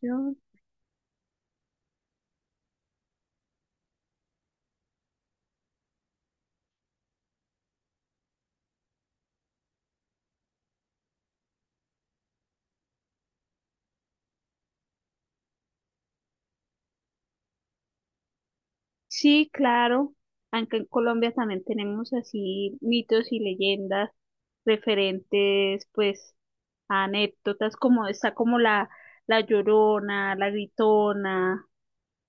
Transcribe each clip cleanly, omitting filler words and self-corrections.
Yo- Sí, claro. Aunque en Colombia también tenemos así mitos y leyendas referentes, pues, a anécdotas, como está como la Llorona, la Gritona,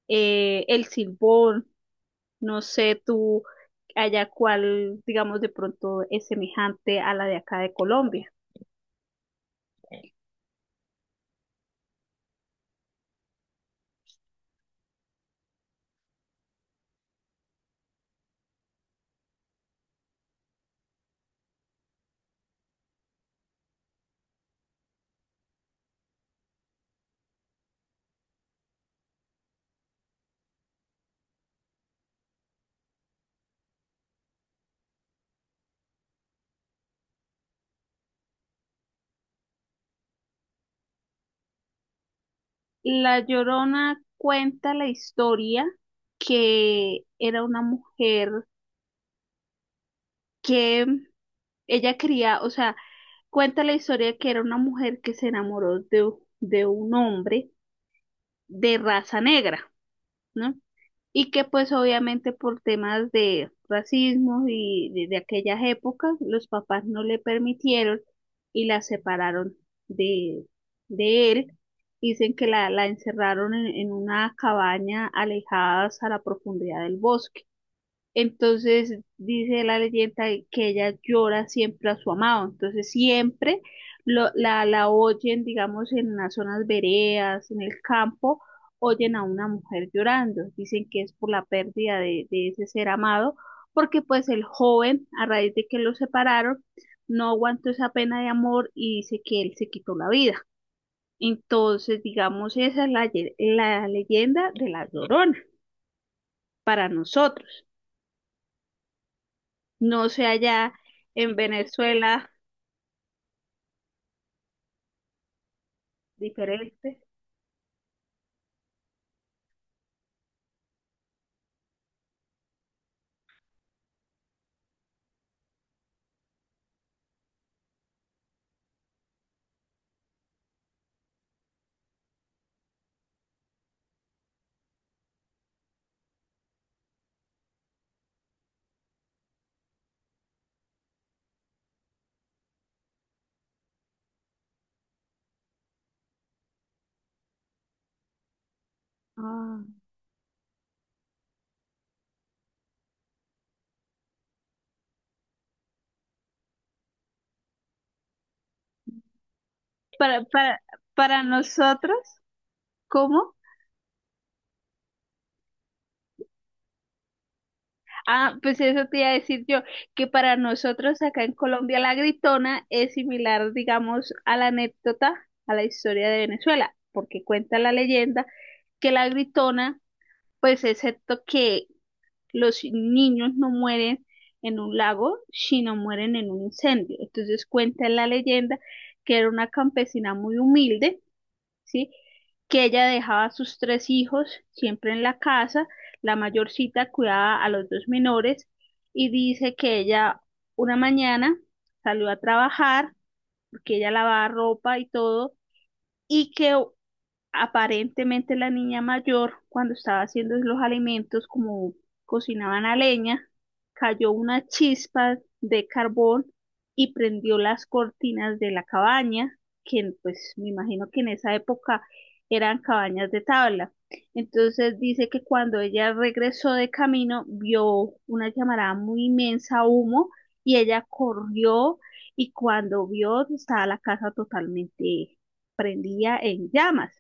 el Silbón. No sé tú allá cuál, digamos, de pronto es semejante a la de acá de Colombia. La Llorona cuenta la historia que era una mujer que ella quería, o sea, cuenta la historia que era una mujer que se enamoró de un hombre de raza negra, ¿no? Y que pues obviamente por temas de racismo y de aquellas épocas, los papás no le permitieron y la separaron de, de él. Dicen que la encerraron en una cabaña alejadas a la profundidad del bosque, entonces dice la leyenda que ella llora siempre a su amado, entonces siempre la oyen, digamos, en las zonas veredas, en el campo, oyen a una mujer llorando, dicen que es por la pérdida de ese ser amado, porque pues el joven, a raíz de que lo separaron, no aguantó esa pena de amor y dice que él se quitó la vida. Entonces, digamos, esa es la leyenda de la Llorona para nosotros. No sé allá en Venezuela, diferente. Ah, Para, para, para nosotros, ¿cómo? Ah, pues eso te iba a decir yo, que para nosotros acá en Colombia la gritona es similar, digamos, a la anécdota, a la historia de Venezuela, porque cuenta la leyenda que la gritona, pues excepto que los niños no mueren en un lago, sino mueren en un incendio. Entonces cuenta la leyenda que era una campesina muy humilde, ¿sí? Que ella dejaba a sus tres hijos siempre en la casa, la mayorcita cuidaba a los dos menores y dice que ella una mañana salió a trabajar porque ella lavaba ropa y todo y que aparentemente la niña mayor, cuando estaba haciendo los alimentos, como cocinaban a leña, cayó una chispa de carbón y prendió las cortinas de la cabaña, que pues me imagino que en esa época eran cabañas de tabla. Entonces dice que cuando ella regresó de camino vio una llamarada muy inmensa, humo, y ella corrió y cuando vio estaba la casa totalmente prendida en llamas.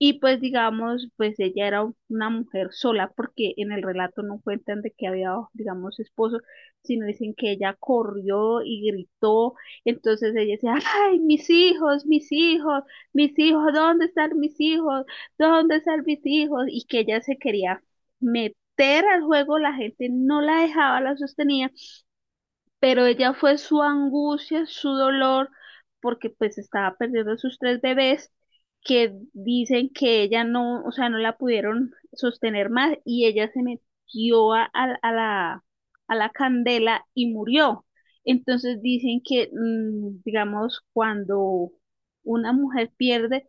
Y pues digamos, pues ella era una mujer sola, porque en el relato no cuentan de que había, digamos, esposo, sino dicen que ella corrió y gritó. Entonces ella decía, ay, mis hijos, mis hijos, mis hijos, ¿dónde están mis hijos? ¿Dónde están mis hijos? Y que ella se quería meter al juego, la gente no la dejaba, la sostenía, pero ella fue su angustia, su dolor, porque pues estaba perdiendo sus tres bebés, que dicen que ella no la pudieron sostener más y ella se metió a a la candela y murió. Entonces dicen que, digamos, cuando una mujer pierde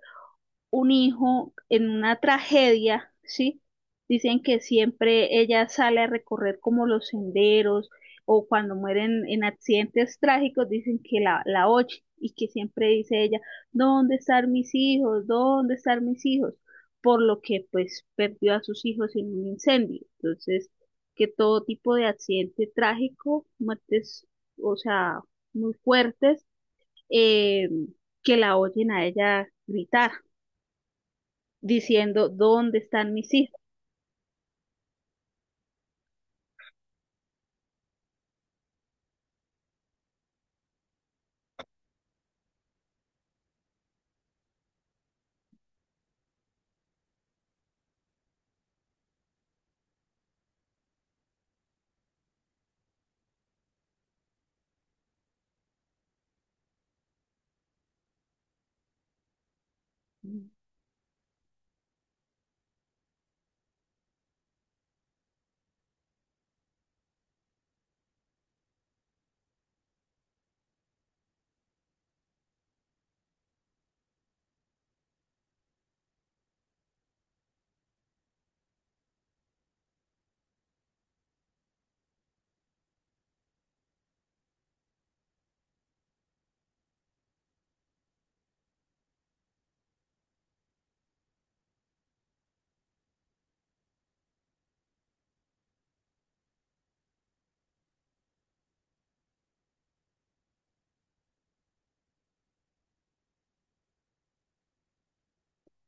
un hijo en una tragedia, ¿sí? Dicen que siempre ella sale a recorrer como los senderos o cuando mueren en accidentes trágicos, dicen que la oye y que siempre dice ella, ¿dónde están mis hijos? ¿Dónde están mis hijos? Por lo que pues perdió a sus hijos en un incendio. Entonces, que todo tipo de accidente trágico, muertes, o sea, muy fuertes, eh, que la oyen a ella gritar diciendo dónde están mis hijos.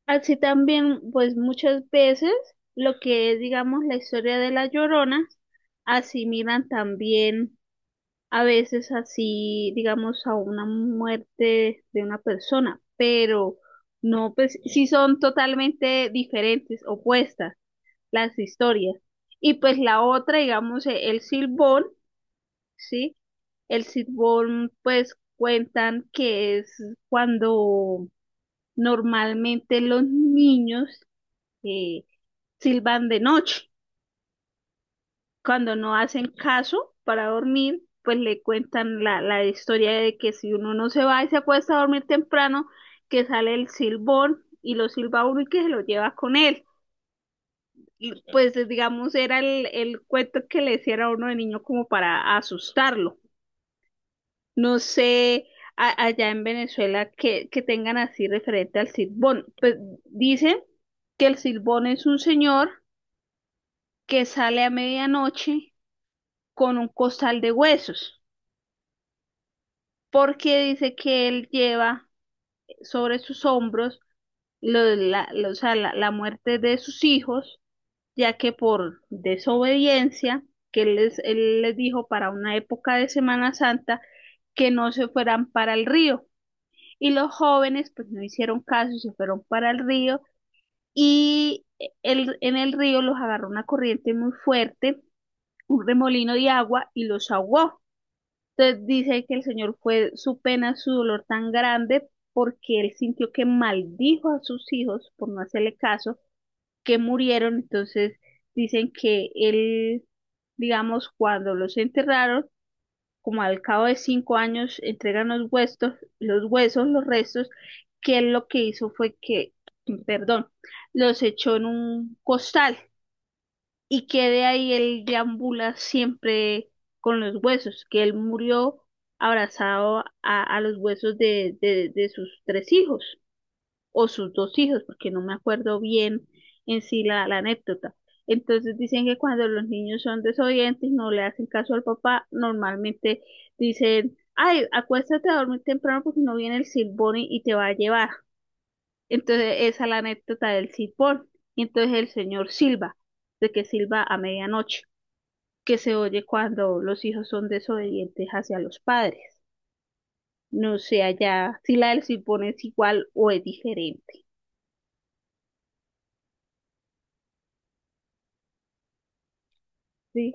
Así también, pues muchas veces lo que es, digamos, la historia de la Llorona, asimilan también a veces así, digamos, a una muerte de una persona, pero no, pues sí son totalmente diferentes, opuestas las historias. Y pues la otra, digamos, el Silbón, ¿sí? El Silbón, pues cuentan que es cuando normalmente los niños eh, silban de noche. Cuando no hacen caso para dormir, pues le cuentan la historia de que si uno no se va y se acuesta a dormir temprano, que sale el silbón y lo silba uno y que se lo lleva con él. Y pues digamos era el cuento que le hiciera a uno de niño como para asustarlo. No sé allá en Venezuela que tengan así referente al Silbón. Pues dicen que el Silbón es un señor que sale a medianoche con un costal de huesos, porque dice que él lleva sobre sus hombros lo- la, lo- o sea, la muerte de sus hijos, ya que por desobediencia, que él les dijo para una época de Semana Santa, que no se fueran para el río y los jóvenes pues no hicieron caso y se fueron para el río y en el río los agarró una corriente muy fuerte, un remolino de agua y los ahogó. Entonces dice que el Señor fue su pena, su dolor tan grande porque él sintió que maldijo a sus hijos por no hacerle caso, que murieron. Entonces dicen que él, digamos, cuando los enterraron, como al cabo de 5 años entregan los huesos, los huesos, los restos, que él lo que hizo fue que, perdón, los echó en un costal y que de ahí él deambula siempre con los huesos, que él murió abrazado a los huesos de sus tres hijos o sus dos hijos, porque no me acuerdo bien en sí la anécdota. Entonces dicen que cuando los niños son desobedientes, no le hacen caso al papá, normalmente dicen, ay, acuéstate a dormir temprano porque no viene el silbón y te va a llevar. Entonces esa es la anécdota del silbón. Y entonces el señor silba, de que silba a medianoche, que se oye cuando los hijos son desobedientes hacia los padres. No sé allá si la del silbón es igual o es diferente. ¿Sí?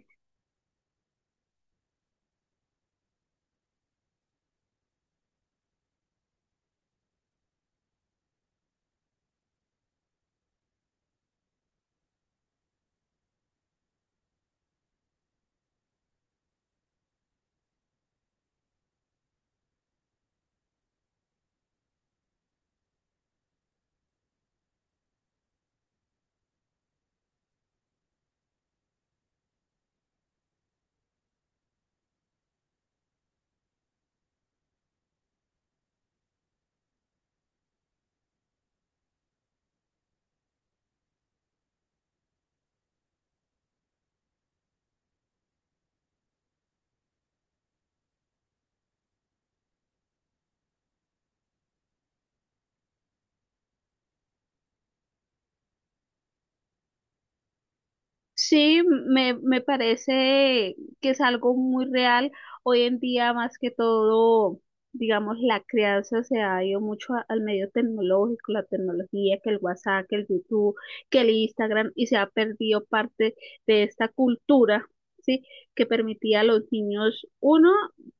Sí, me parece que es algo muy real. Hoy en día, más que todo, digamos, la crianza se ha ido mucho al medio tecnológico, la tecnología, que el WhatsApp, que el YouTube, que el Instagram, y se ha perdido parte de esta cultura, ¿sí? Que permitía a los niños, uno,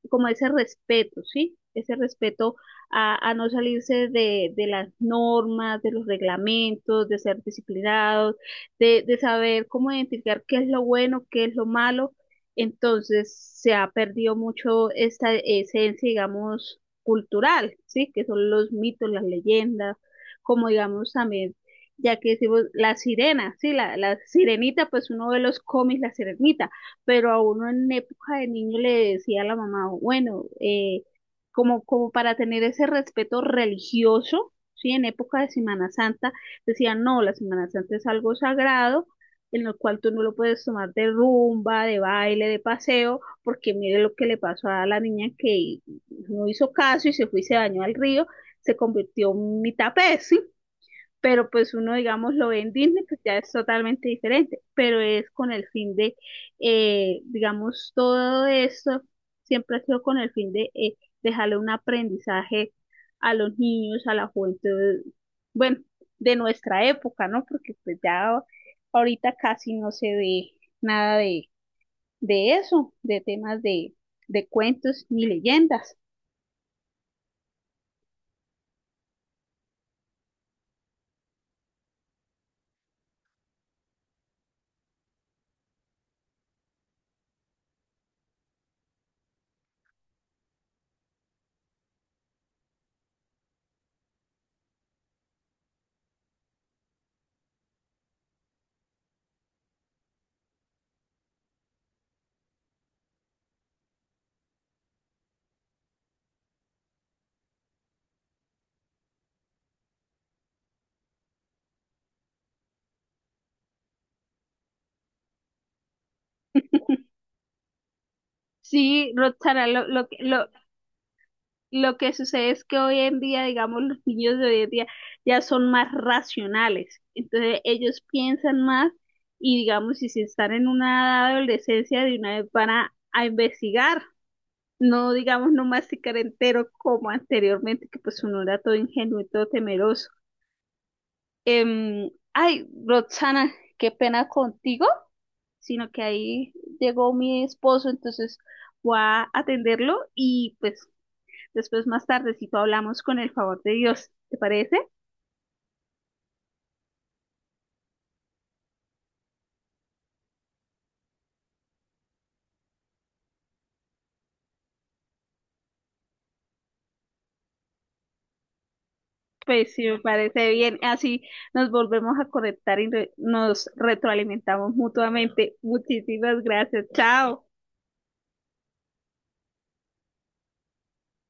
como ese respeto, ¿sí? Ese respeto a no salirse de las normas, de los reglamentos, de ser disciplinados de saber cómo identificar qué es lo bueno, qué es lo malo. Entonces se ha perdido mucho esta esencia, digamos, cultural, ¿sí? Que son los mitos, las leyendas, como digamos también, ya que decimos la sirena, ¿sí? La sirenita, pues uno ve los cómics, la sirenita, pero a uno en época de niño le decía a la mamá, bueno, como, como para tener ese respeto religioso, ¿sí? En época de Semana Santa, decían, no, la Semana Santa es algo sagrado en el cual tú no lo puedes tomar de rumba, de baile, de paseo, porque mire lo que le pasó a la niña que no hizo caso y se fue y se bañó al río, se convirtió en mitad pez, pero pues uno, digamos, lo ve en Disney, pues ya es totalmente diferente, pero es con el fin de, digamos, todo eso siempre ha sido con el fin de dejarle un aprendizaje a los niños, a la juventud, bueno, de nuestra época, ¿no? Porque pues ya ahorita casi no se ve nada de eso, de temas de cuentos ni leyendas. Sí, Roxana, lo que sucede es que hoy en día, digamos, los niños de hoy en día ya son más racionales. Entonces ellos piensan más y, digamos, si se están en una edad de adolescencia, de una vez van a investigar, no, digamos, no masticar entero como anteriormente, que pues uno era todo ingenuo y todo temeroso. Ay, Roxana, qué pena contigo, sino que ahí llegó mi esposo, entonces voy a atenderlo y pues después, más tardecito, hablamos con el favor de Dios. ¿Te parece? Pues sí, me parece bien. Así nos volvemos a conectar y nos retroalimentamos mutuamente. Muchísimas gracias. Chao.